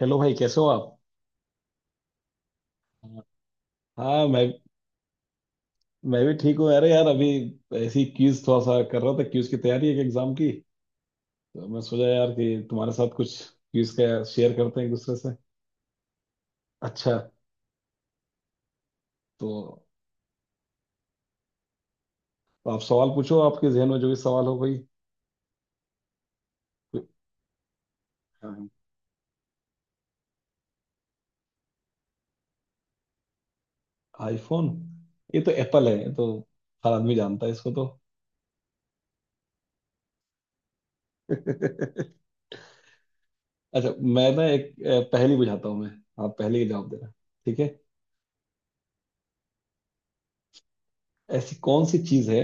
Hello भाई, कैसे हो आप। हाँ, मैं भी ठीक हूँ। अरे यार, अभी ऐसी क्यूज थोड़ा सा कर रहा था, क्यूज की तैयारी है, एक एग्जाम की। तो मैं सोचा यार कि तुम्हारे साथ कुछ क्यूज का शेयर करते हैं एक दूसरे से। अच्छा। तो, तो आप सवाल पूछो, आपके जहन में जो भी सवाल हो कोई। हाँ। आईफोन? ये तो एप्पल है ये तो। हर आदमी जानता है इसको तो। अच्छा, मैं ना एक पहेली बुझाता हूँ मैं। आप पहले ही जवाब देना। ठीक है। ऐसी कौन सी चीज है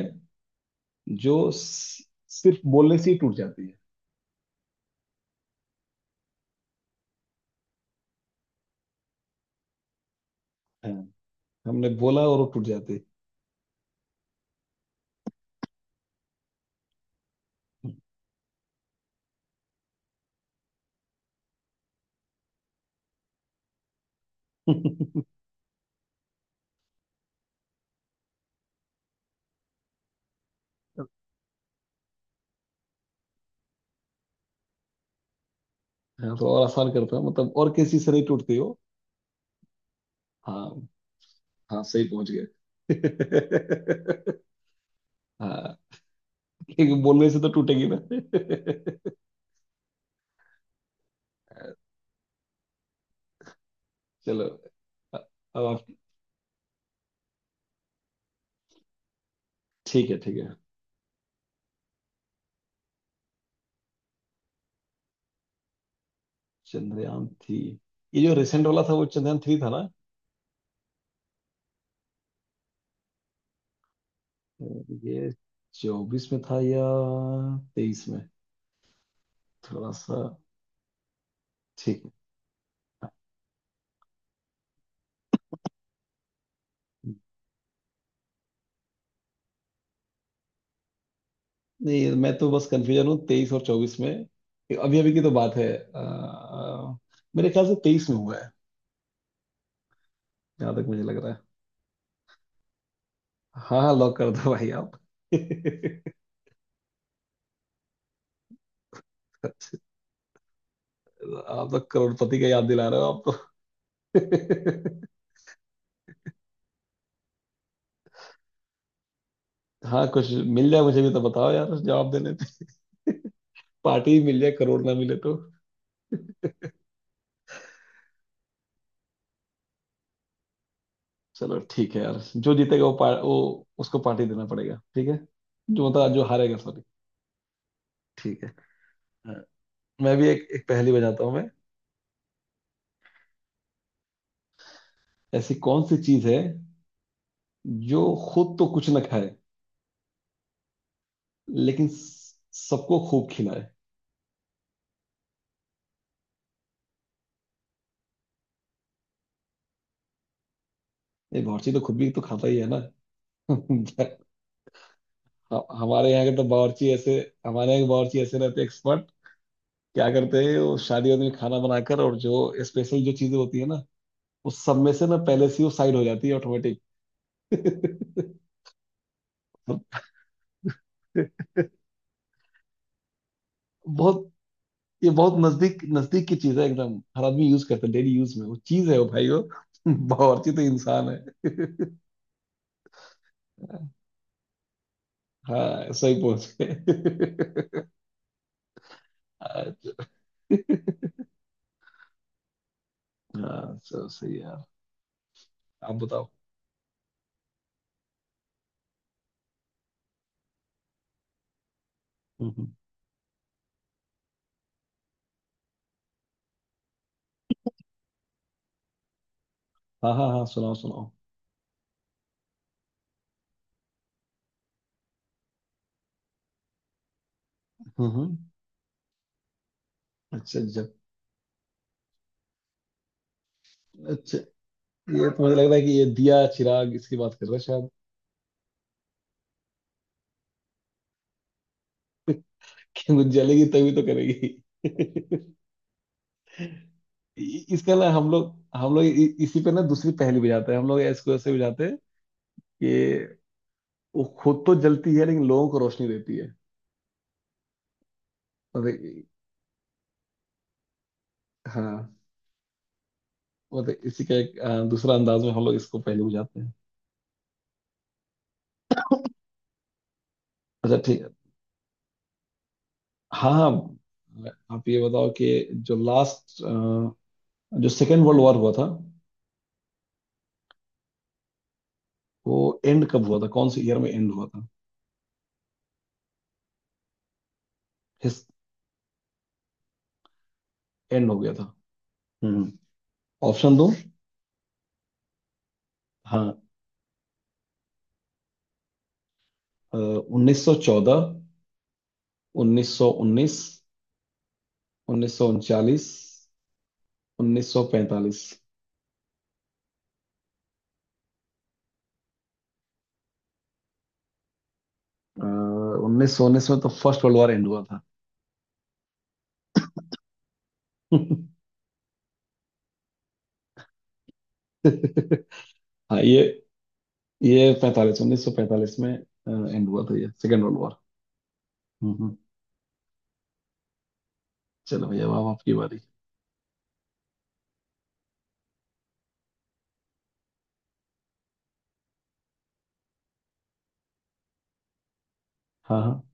जो सिर्फ बोलने से ही टूट जाती है। हाँ, हमने बोला और वो टूट जाते। हाँ, तो और आसान करता हूँ, मतलब और किसी से नहीं टूटती हो। हाँ। हाँ, सही पहुंच गए। हाँ, क्योंकि बोलने से तो टूटेगी ना। चलो। अ- अब आप। ठीक है, ठीक है। चंद्रयान थ्री? ये जो रिसेंट वाला था वो चंद्रयान थ्री था ना। ये 2024 में था या 2023 में। थोड़ा सा। ठीक है। नहीं, मैं तो बस कंफ्यूजन हूँ 2023 और 2024 में। अभी अभी की तो बात है। मेरे ख्याल से 2023 में हुआ है, जहाँ तक मुझे लग रहा है। हाँ हाँ, लॉक कर दो भाई आप। अच्छा, आप तो करोड़पति का याद दिला रहे हो आप तो। हाँ, कुछ मिल जाए मुझे भी तो बताओ यार, जवाब देने पे पार्टी ही मिल जाए, करोड़ ना मिले तो। चलो ठीक है यार, जो जीतेगा वो वो उसको पार्टी देना पड़ेगा। ठीक है। जो, मतलब जो हारेगा, सॉरी। ठीक है। मैं भी एक एक पहेली बजाता हूँ मैं। ऐसी कौन सी चीज है जो खुद तो कुछ ना खाए लेकिन सबको खूब खिलाए। ये बावर्ची तो खुद भी तो खाता ही है ना। हमारे यहाँ के तो बावर्ची ऐसे। हमारे यहाँ के बावर्ची ऐसे रहते, एक्सपर्ट, क्या करते हैं वो, शादियों में खाना बनाकर, और जो स्पेशल जो चीजें होती है ना, उस सब में से ना पहले से ही वो साइड हो जाती है ऑटोमेटिक। बहुत। ये बहुत नजदीक नजदीक की चीज है एकदम, हर आदमी यूज करता है डेली यूज में, वो चीज है वो भाई वो। बावर्ची तो इंसान है। हाँ, सही पहुंच गए। हाँ सर, सही है यार। आप बताओ। हम्म हम्म। हाँ हाँ हाँ, सुनाओ सुनाओ। हम्म हम्म। अच्छा जब, अच्छा, ये तो मुझे लग रहा है कि ये दिया चिराग इसकी बात कर रहे हैं शायद। कि वो जलेगी तभी तो करेगी। इसका ना हम लोग इसी पे ना दूसरी पहेली बुझाते हैं, हम लोग इसको ऐसे बुझाते हैं कि वो खुद तो जलती है लेकिन लोगों को रोशनी देती है। मतलब हाँ, मतलब इसी का एक दूसरा अंदाज में हम लोग इसको पहले बुझाते हैं। अच्छा ठीक है। हाँ हाँ। आप ये बताओ कि जो लास्ट, जो सेकेंड वर्ल्ड वॉर हुआ था, वो एंड कब हुआ था, कौन से ईयर में एंड हुआ था। हिस एंड हो गया था। हम्म ऑप्शन दो। हाँ। 1914, 1919, 1939, 1945। 1919 में तो फर्स्ट वर्ल्ड वॉर एंड हुआ था। हाँ ये 45, 1945 में एंड हुआ था ये सेकेंड वर्ल्ड वॉर। हम्म चलो भैया, अब आपकी बारी। हाँ हाँ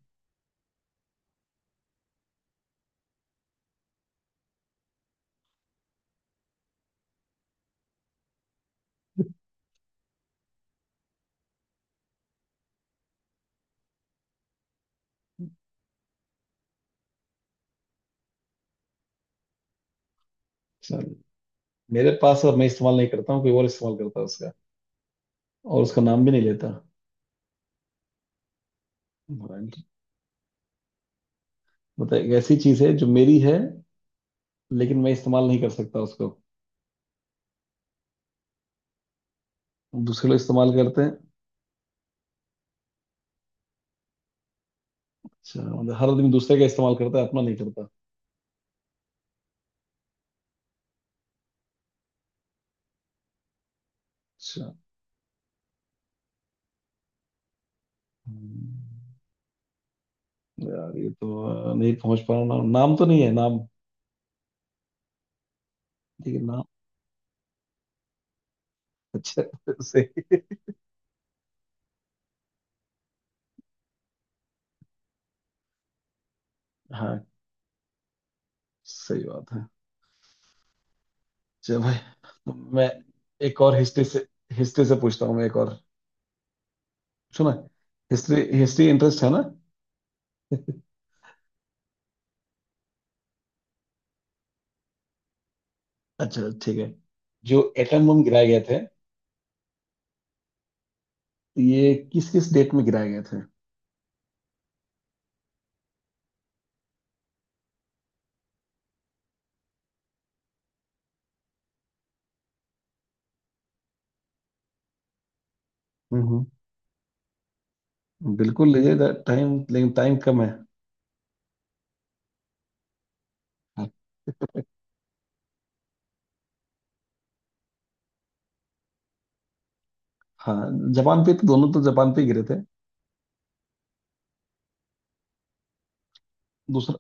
चलो। मेरे पास, अब मैं इस्तेमाल नहीं करता हूँ, कोई और इस्तेमाल करता है उसका, और उसका नाम भी नहीं लेता, मतलब। एक ऐसी चीज है जो मेरी है लेकिन मैं इस्तेमाल नहीं कर सकता उसको। दूसरे लोग इस्तेमाल करते हैं। अच्छा, मतलब हर आदमी दूसरे का इस्तेमाल करता है, अपना नहीं करता। अच्छा। हम्म, यार ये तो, नहीं पहुंच पा रहा। नाम? नाम तो नहीं है। नाम ठीक है, नाम। अच्छा सही। हाँ, सही बात है। चल भाई। तो मैं एक और हिस्ट्री से, हिस्ट्री से पूछता हूँ मैं एक और। सुना, हिस्ट्री हिस्ट्री इंटरेस्ट है ना। अच्छा ठीक है। जो एटम बम गिराए गए थे, ये किस किस डेट में गिराए गए थे। हम्म बिल्कुल लीजिए टाइम, लेकिन टाइम कम है। हाँ। हाँ, जापान पे तो दोनों तो जापान पे गिरे थे। दूसरा।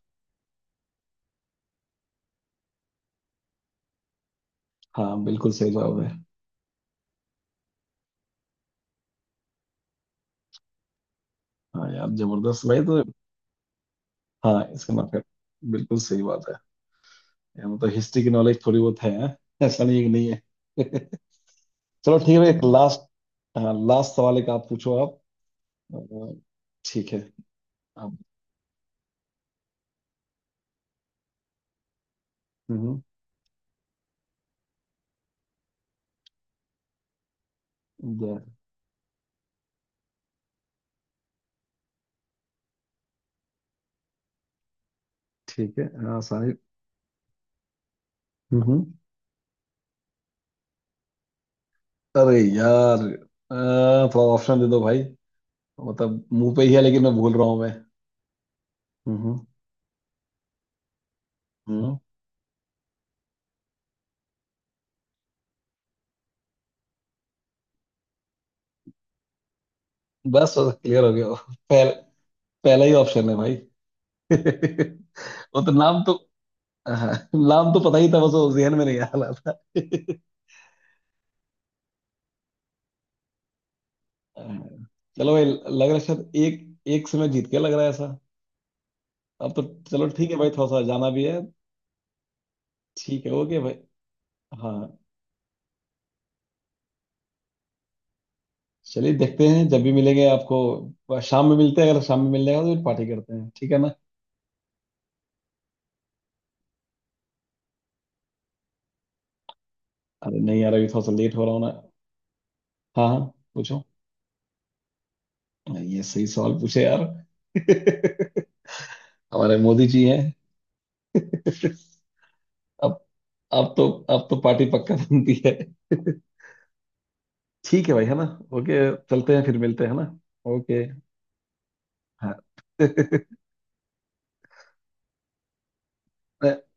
हाँ, बिल्कुल सही जवाब है। हाँ यार, जबरदस्त भाई तो। हाँ, इसका माफ है। बिल्कुल सही बात है। यार मतलब हिस्ट्री की नॉलेज थोड़ी बहुत है, हैं? ऐसा नहीं है कि नहीं है। चलो ठीक है भाई, लास्ट। हाँ, लास्ट सवाल एक आप पूछो, आप। अ, ठीक है। अब। हम्म दे- ठीक है, हाँ सारे। हम्म अरे यार, अ, थोड़ा ऑप्शन दे दो भाई, मतलब मुंह पे ही है लेकिन मैं भूल रहा हूँ मैं। हम्म हम्म बस क्लियर हो गया। पहल, पहला ही ऑप्शन है भाई। वो तो नाम तो, हाँ, नाम तो पता ही था बस वो जहन में नहीं आ रहा था। चलो भाई, लग रहा है शायद एक, एक से मैं जीत के लग रहा है ऐसा। अब तो। चलो ठीक है भाई, थोड़ा सा जाना भी है। ठीक है, ओके भाई। हाँ। चलिए देखते हैं, जब भी मिलेंगे आपको शाम में मिलते हैं, अगर शाम में मिल जाएगा तो फिर पार्टी करते हैं ठीक है ना। अरे नहीं यार, अभी थोड़ा सा लेट हो रहा हूँ ना। हाँ हाँ। पूछो। नहीं, ये सही सवाल पूछे यार। हमारे मोदी जी हैं। अब अब तो, अब तो पार्टी पक्का बनती है। ठीक है भाई है ना। ओके। चलते हैं, फिर मिलते हैं है ना। ओके। हाँ।